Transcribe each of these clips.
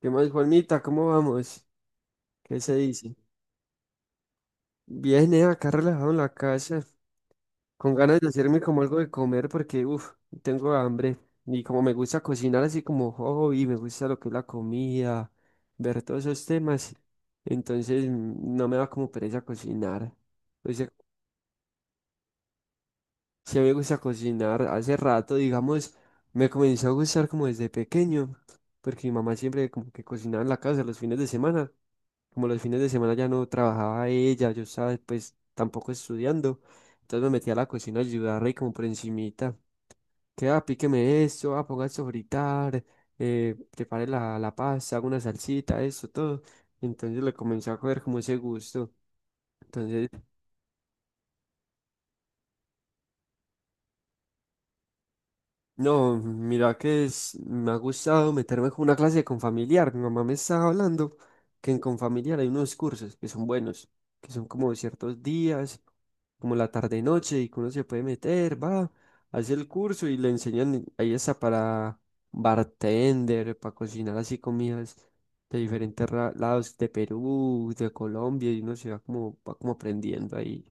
¿Qué más, Juanita? ¿Cómo vamos? ¿Qué se dice? Viene acá relajado en la casa, con ganas de hacerme como algo de comer porque, uff, tengo hambre. Y como me gusta cocinar así como hobby, me gusta lo que es la comida, ver todos esos temas, entonces no me da como pereza cocinar. Sí, me gusta cocinar hace rato, digamos, me comenzó a gustar como desde pequeño, porque mi mamá siempre como que cocinaba en la casa los fines de semana. Como los fines de semana ya no trabajaba ella, yo estaba pues tampoco estudiando, entonces me metí a la cocina a ayudarla y como por encimita, que ah, píqueme esto, ah, ponga esto a fritar, prepare la pasta, haga una salsita, esto, todo. Entonces le comencé a coger como ese gusto. Entonces, no, mira que me ha gustado meterme con una clase de Confamiliar. Mi mamá me estaba hablando que en Confamiliar hay unos cursos que son buenos, que son como ciertos días, como la tarde-noche, y que uno se puede meter, va, hace el curso y le enseñan, ahí está para bartender, para cocinar así comidas de diferentes lados de Perú, de Colombia, y uno se va como aprendiendo ahí.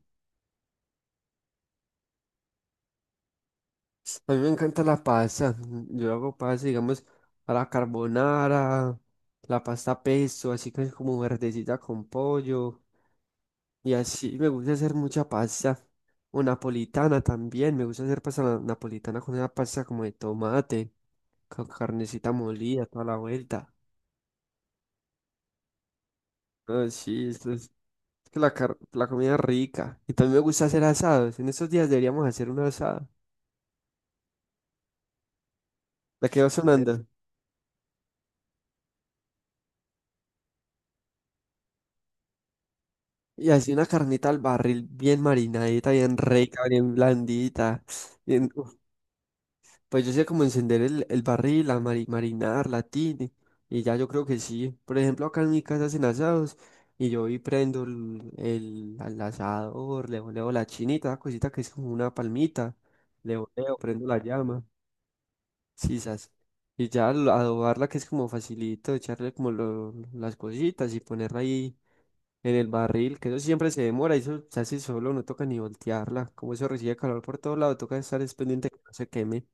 A mí me encanta la pasta. Yo hago pasta, digamos, a la carbonara, la pasta pesto, así que es como verdecita con pollo. Y así me gusta hacer mucha pasta. O napolitana también. Me gusta hacer pasta napolitana con una pasta como de tomate, con carnecita molida, toda la vuelta. Ah, sí, esto es que la comida es rica. Y también me gusta hacer asados. En estos días deberíamos hacer un asado. Me quedó sonando. Y así una carnita al barril bien marinadita, bien rica, bien blandita. bien- uf, pues yo sé cómo encender el barril, la marinar, la tine. Y ya yo creo que sí. Por ejemplo, acá en mi casa hacen asados. Y yo prendo el, al asador, le voleo la chinita, la cosita que es como una palmita. Le voleo, prendo la llama. Sisas. Y ya al adobarla que es como facilito, echarle como las cositas y ponerla ahí en el barril, que eso siempre se demora, y eso se hace solo, no toca ni voltearla. Como eso recibe calor por todo lado, toca estar es pendiente que no se queme.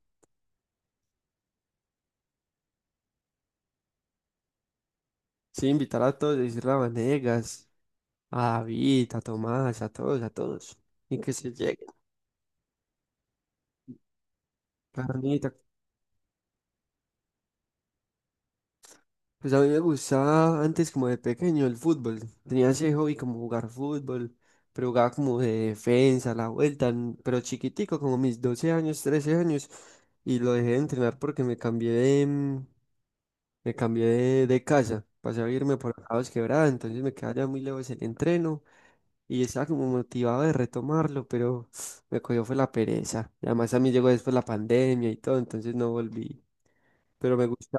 Sí, invitar a todos, decirle a Vanegas, a David, a Tomás, a todos, a todos. Y que se llegue. Carnita. Pues a mí me gustaba antes como de pequeño el fútbol. Tenía ese hobby como jugar fútbol, pero jugaba como de defensa, la vuelta, n- pero chiquitico, como mis 12 años, 13 años. Y lo dejé de entrenar porque me cambié de, me cambié de casa, pasé a irme por acá a Dos Quebradas, entonces me quedaba ya muy lejos el entreno y estaba como motivado de retomarlo, pero me cogió fue la pereza. Y además a mí llegó después la pandemia y todo, entonces no volví. Pero me gusta,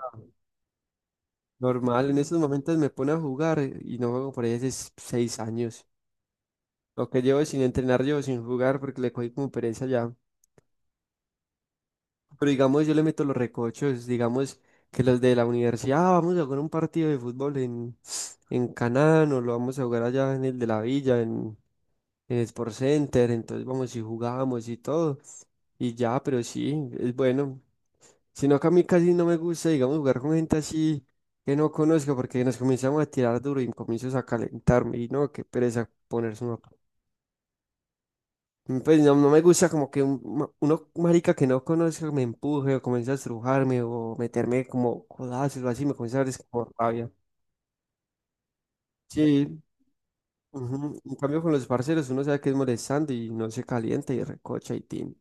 normal, en estos momentos me pone a jugar y no juego por ahí hace 6 años. Lo que llevo sin entrenar, llevo sin jugar porque le cogí como pereza ya. Pero digamos, yo le meto los recochos, digamos que los de la universidad, "Ah, vamos a jugar un partido de fútbol en Canán, o lo vamos a jugar allá en el de la villa, en Sport Center", entonces vamos y jugamos y todo. Y ya, pero sí, es bueno. Sino que a mí casi no me gusta, digamos, jugar con gente así que no conozco porque nos comenzamos a tirar duro y comienzo a calentarme y no, qué pereza ponerse uno. Pues no, no me gusta como que uno marica que no conozca me empuje o comience a estrujarme o meterme como codazos o así, me comienza a dar es como rabia. Sí, ujú. En cambio con los parceros uno sabe que es molestando y no se calienta y recocha y tin.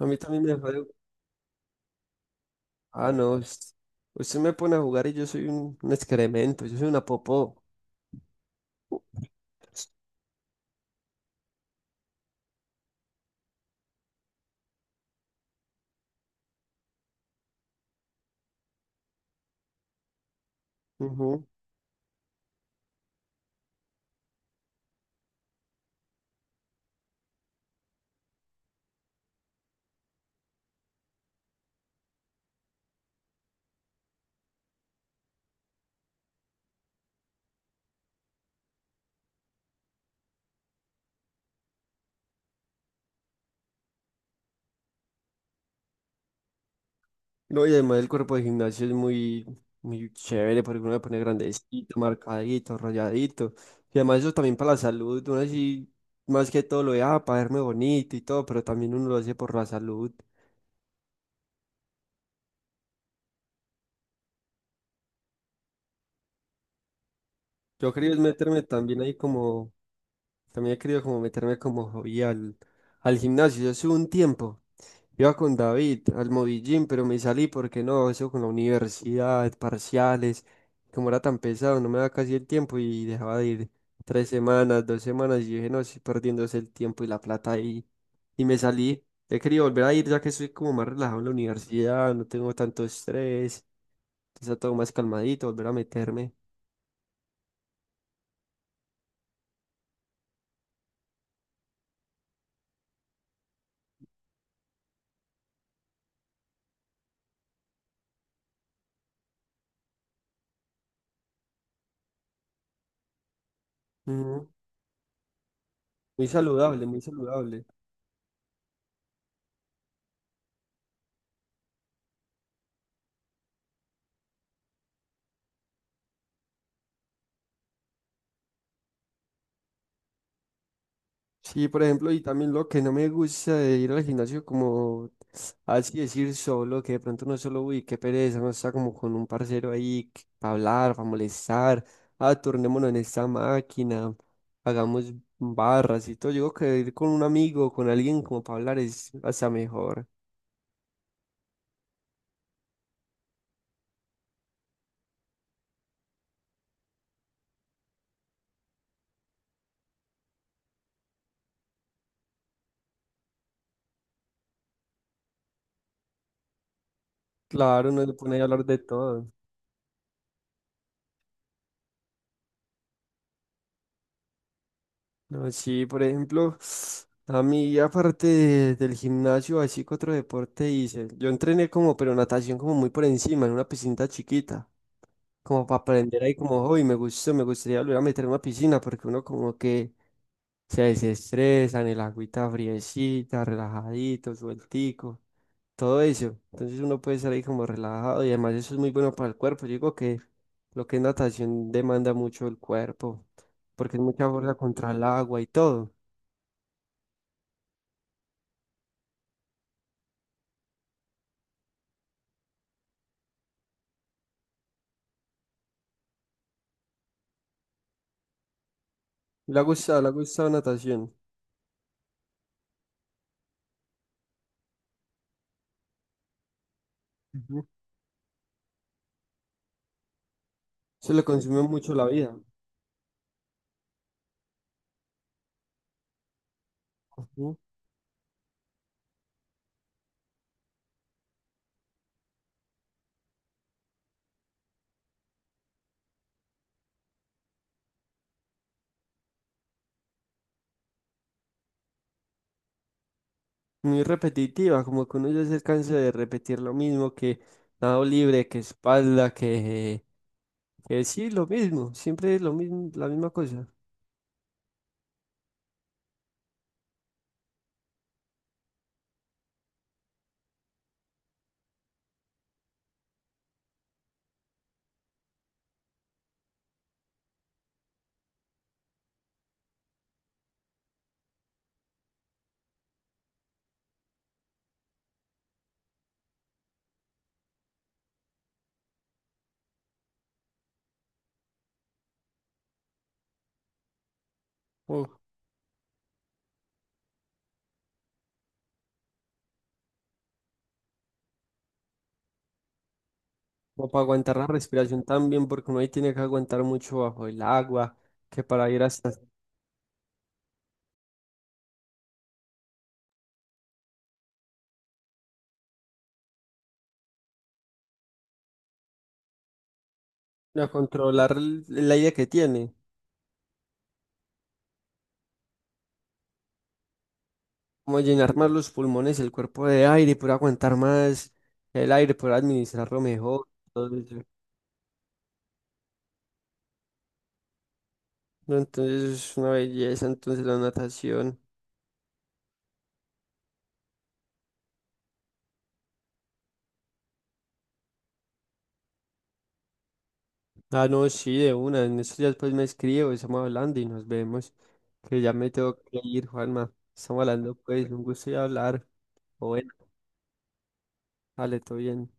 A mí también me jode. Ah, no, usted me pone a jugar y yo soy un excremento, yo soy una popó. Ujú. No, y además el cuerpo de gimnasio es muy, muy chévere porque uno le pone grandecito, marcadito, rayadito. Y además eso también para la salud, uno así, más que todo lo de, ah, para verme bonito y todo, pero también uno lo hace por la salud. Yo quería es meterme también ahí como, también he querido como meterme como hobby al gimnasio. Yo hace un tiempo iba con David al Movillín, pero me salí porque no, eso con la universidad, parciales, como era tan pesado, no me daba casi el tiempo y dejaba de ir 3 semanas, 2 semanas y dije, no, estoy perdiéndose el tiempo y la plata ahí. Y me salí. He querido volver a ir ya que estoy como más relajado en la universidad, no tengo tanto estrés, está todo más calmadito, volver a meterme. Ujú. Muy saludable, muy saludable. Sí, por ejemplo, y también lo que no me gusta de ir al gimnasio como, así decir solo, que de pronto no es solo, uy, qué pereza, no está como con un parcero ahí para hablar, para molestar, ah, turnémonos en esta máquina, hagamos barras y todo. Yo digo que ir con un amigo, con alguien como para hablar es hasta mejor. Claro, no le pone a hablar de todo. No, sí, por ejemplo, a mí aparte del gimnasio, así que otro deporte hice. Yo entrené como, pero natación como muy por encima, en una piscina chiquita, como para aprender ahí como, hoy me gustó, me gustaría volver a meter en una piscina porque uno como que se desestresa en el agüita friecita, relajadito, sueltico, todo eso. Entonces uno puede estar ahí como relajado y además eso es muy bueno para el cuerpo. Yo digo que lo que es natación demanda mucho el cuerpo porque es mucha fuerza contra el agua y todo. Le ha gustado natación. Ujú. Se le consume mucho la vida. Ujú. Muy repetitiva, como que uno ya se cansa de repetir lo mismo, que nado libre, que espalda, que sí, lo mismo, siempre es lo mismo, la misma cosa. O, o para aguantar la respiración también, porque uno ahí tiene que aguantar mucho bajo el agua, que para ir hasta a controlar el aire que tiene, como llenar más los pulmones, el cuerpo de aire, y poder aguantar más el aire, poder administrarlo mejor, todo eso. No, entonces es una belleza, entonces la natación. Ah, no, sí, de una. En estos días pues me escribo, estamos hablando y nos vemos. Que ya me tengo que ir, Juanma. Estamos hablando pues, un gusto y hablar. O bueno, vale, todo bien.